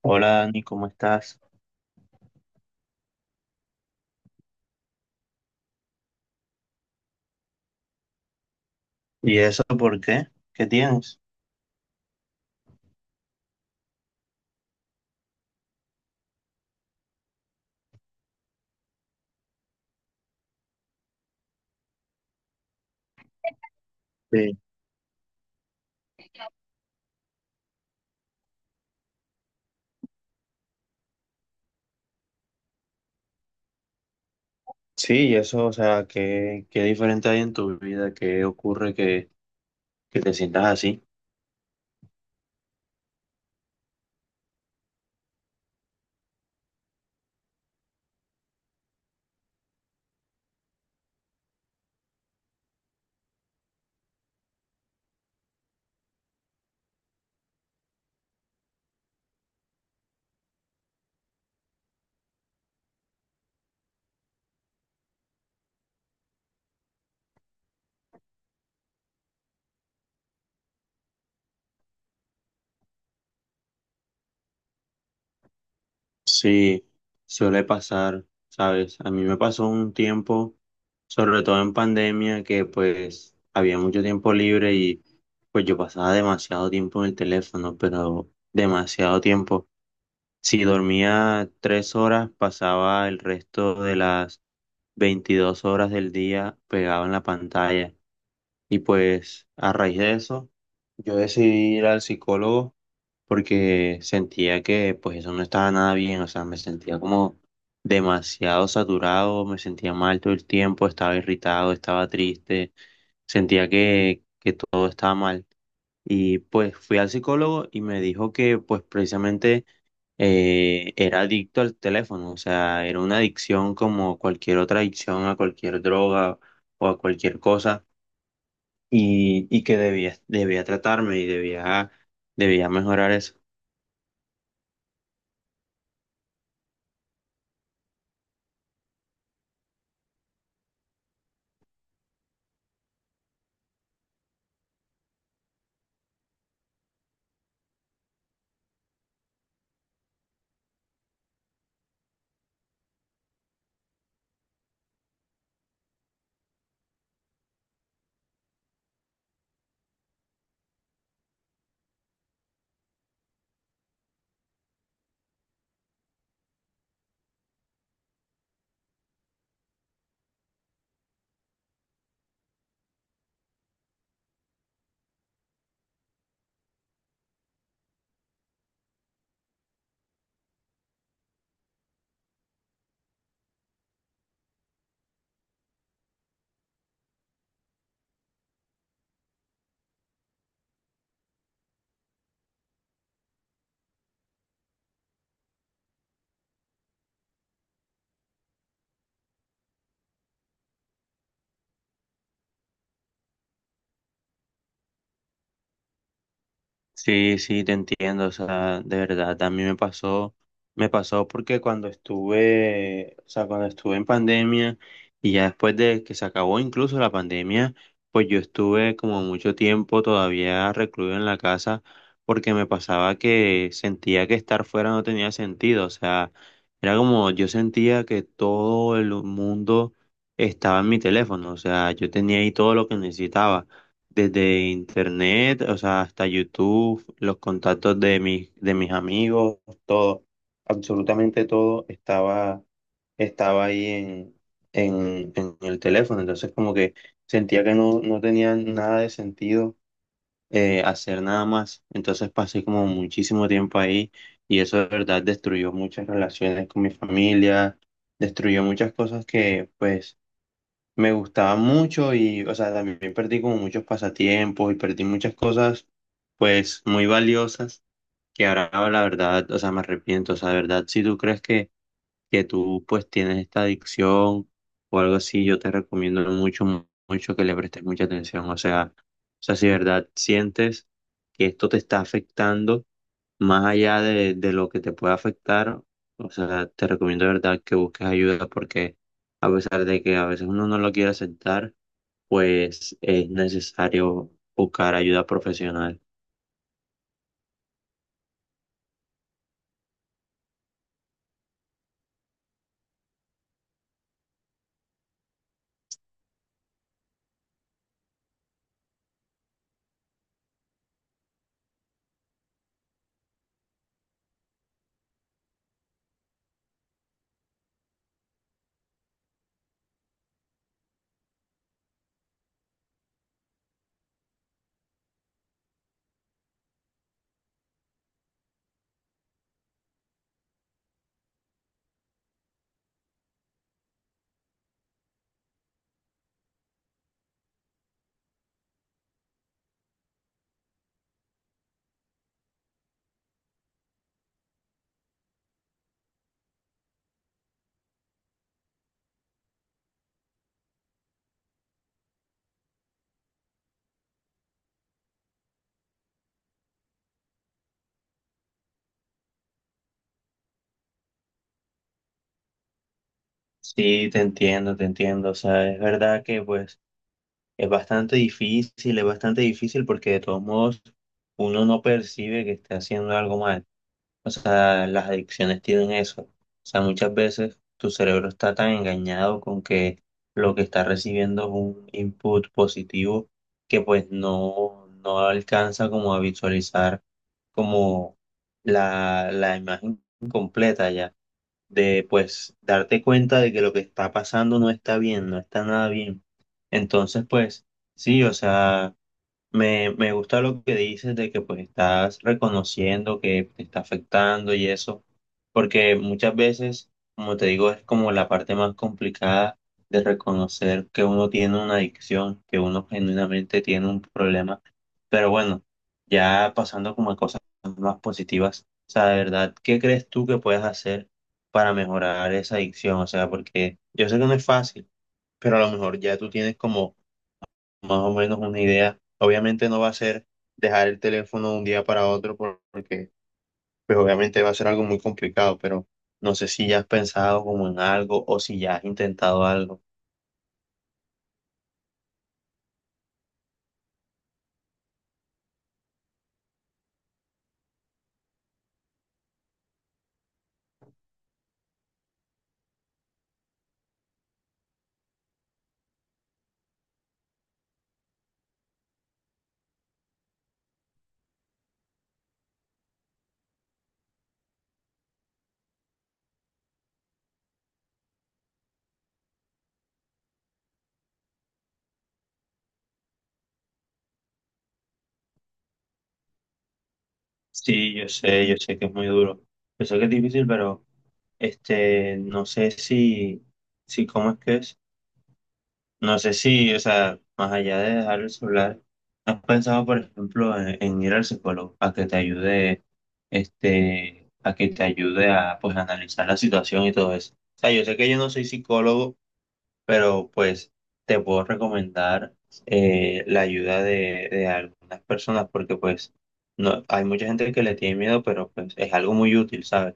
Hola Dani, ¿cómo estás? ¿Y eso por qué? ¿Qué tienes? Sí, sí, y eso, o sea, ¿qué diferente hay en tu vida? ¿Qué ocurre que te sientas así? Sí, suele pasar, ¿sabes? A mí me pasó un tiempo, sobre todo en pandemia, que pues había mucho tiempo libre y pues yo pasaba demasiado tiempo en el teléfono, pero demasiado tiempo. Si dormía 3 horas, pasaba el resto de las 22 horas del día pegado en la pantalla. Y pues a raíz de eso, yo decidí ir al psicólogo porque sentía que pues eso no estaba nada bien, o sea, me sentía como demasiado saturado, me sentía mal todo el tiempo, estaba irritado, estaba triste, sentía que todo estaba mal. Y pues fui al psicólogo y me dijo que pues precisamente era adicto al teléfono, o sea, era una adicción como cualquier otra adicción a cualquier droga o a cualquier cosa y que debía tratarme y debía mejorar eso. Sí, sí, te entiendo, o sea, de verdad, también me pasó porque cuando estuve, o sea, cuando estuve en pandemia y ya después de que se acabó incluso la pandemia, pues yo estuve como mucho tiempo todavía recluido en la casa porque me pasaba que sentía que estar fuera no tenía sentido, o sea, era como yo sentía que todo el mundo estaba en mi teléfono, o sea, yo tenía ahí todo lo que necesitaba desde internet, o sea, hasta YouTube, los contactos de mis amigos, todo, absolutamente todo estaba ahí en el teléfono. Entonces como que sentía que no, no tenía nada de sentido hacer nada más. Entonces pasé como muchísimo tiempo ahí y eso de verdad destruyó muchas relaciones con mi familia, destruyó muchas cosas que pues me gustaba mucho y, o sea, también perdí como muchos pasatiempos y perdí muchas cosas, pues, muy valiosas, que ahora la verdad, o sea, me arrepiento, o sea, de verdad, si tú crees que tú, pues, tienes esta adicción o algo así, yo te recomiendo mucho, mucho que le prestes mucha atención, o sea, si de verdad sientes que esto te está afectando, más allá de lo que te pueda afectar, o sea, te recomiendo de verdad que busques ayuda porque a pesar de que a veces uno no lo quiere aceptar, pues es necesario buscar ayuda profesional. Sí, te entiendo, te entiendo. O sea, es verdad que pues es bastante difícil porque de todos modos uno no percibe que está haciendo algo mal. O sea, las adicciones tienen eso. O sea, muchas veces tu cerebro está tan engañado con que lo que está recibiendo es un input positivo que pues no, no alcanza como a visualizar como la imagen completa ya, de pues darte cuenta de que lo que está pasando no está bien, no está nada bien. Entonces, pues sí, o sea... Me gusta lo que dices de que pues estás reconociendo que te está afectando y eso, porque muchas veces, como te digo, es como la parte más complicada de reconocer que uno tiene una adicción, que uno genuinamente tiene un problema. Pero bueno, ya pasando como a cosas más positivas, o sea, de verdad, ¿qué crees tú que puedes hacer para mejorar esa adicción? O sea, porque yo sé que no es fácil, pero a lo mejor ya tú tienes como más o menos una idea. Obviamente no va a ser dejar el teléfono de un día para otro porque pues obviamente va a ser algo muy complicado, pero no sé si ya has pensado como en algo o si ya has intentado algo. Sí, yo sé que es muy duro. Yo sé que es difícil, pero no sé si, si cómo es que es. No sé si, o sea, más allá de dejar el celular, ¿has pensado, por ejemplo, en ir al psicólogo a que te ayude, este, a que te ayude a, pues, analizar la situación y todo eso? O sea, yo sé que yo no soy psicólogo, pero pues te puedo recomendar la ayuda de algunas personas porque, pues, no, hay mucha gente que le tiene miedo, pero pues es algo muy útil, ¿sabes?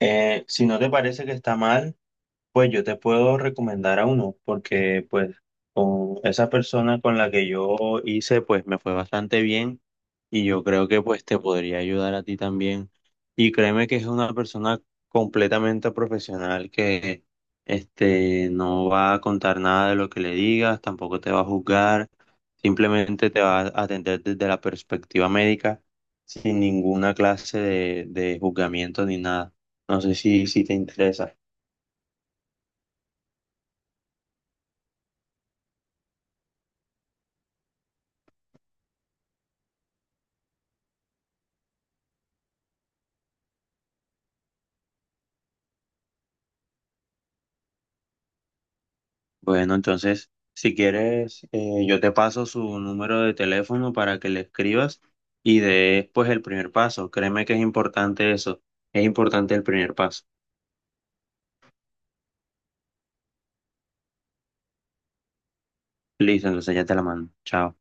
Si no te parece que está mal. Pues yo te puedo recomendar a uno, porque pues con esa persona con la que yo hice, pues me fue bastante bien y yo creo que pues te podría ayudar a ti también. Y créeme que es una persona completamente profesional que no va a contar nada de lo que le digas, tampoco te va a juzgar, simplemente te va a atender desde la perspectiva médica, sin ninguna clase de juzgamiento ni nada. No sé si, si te interesa. Bueno, entonces, si quieres, yo te paso su número de teléfono para que le escribas y des pues el primer paso. Créeme que es importante eso. Es importante el primer paso. Listo, entonces ya te la mando. Chao.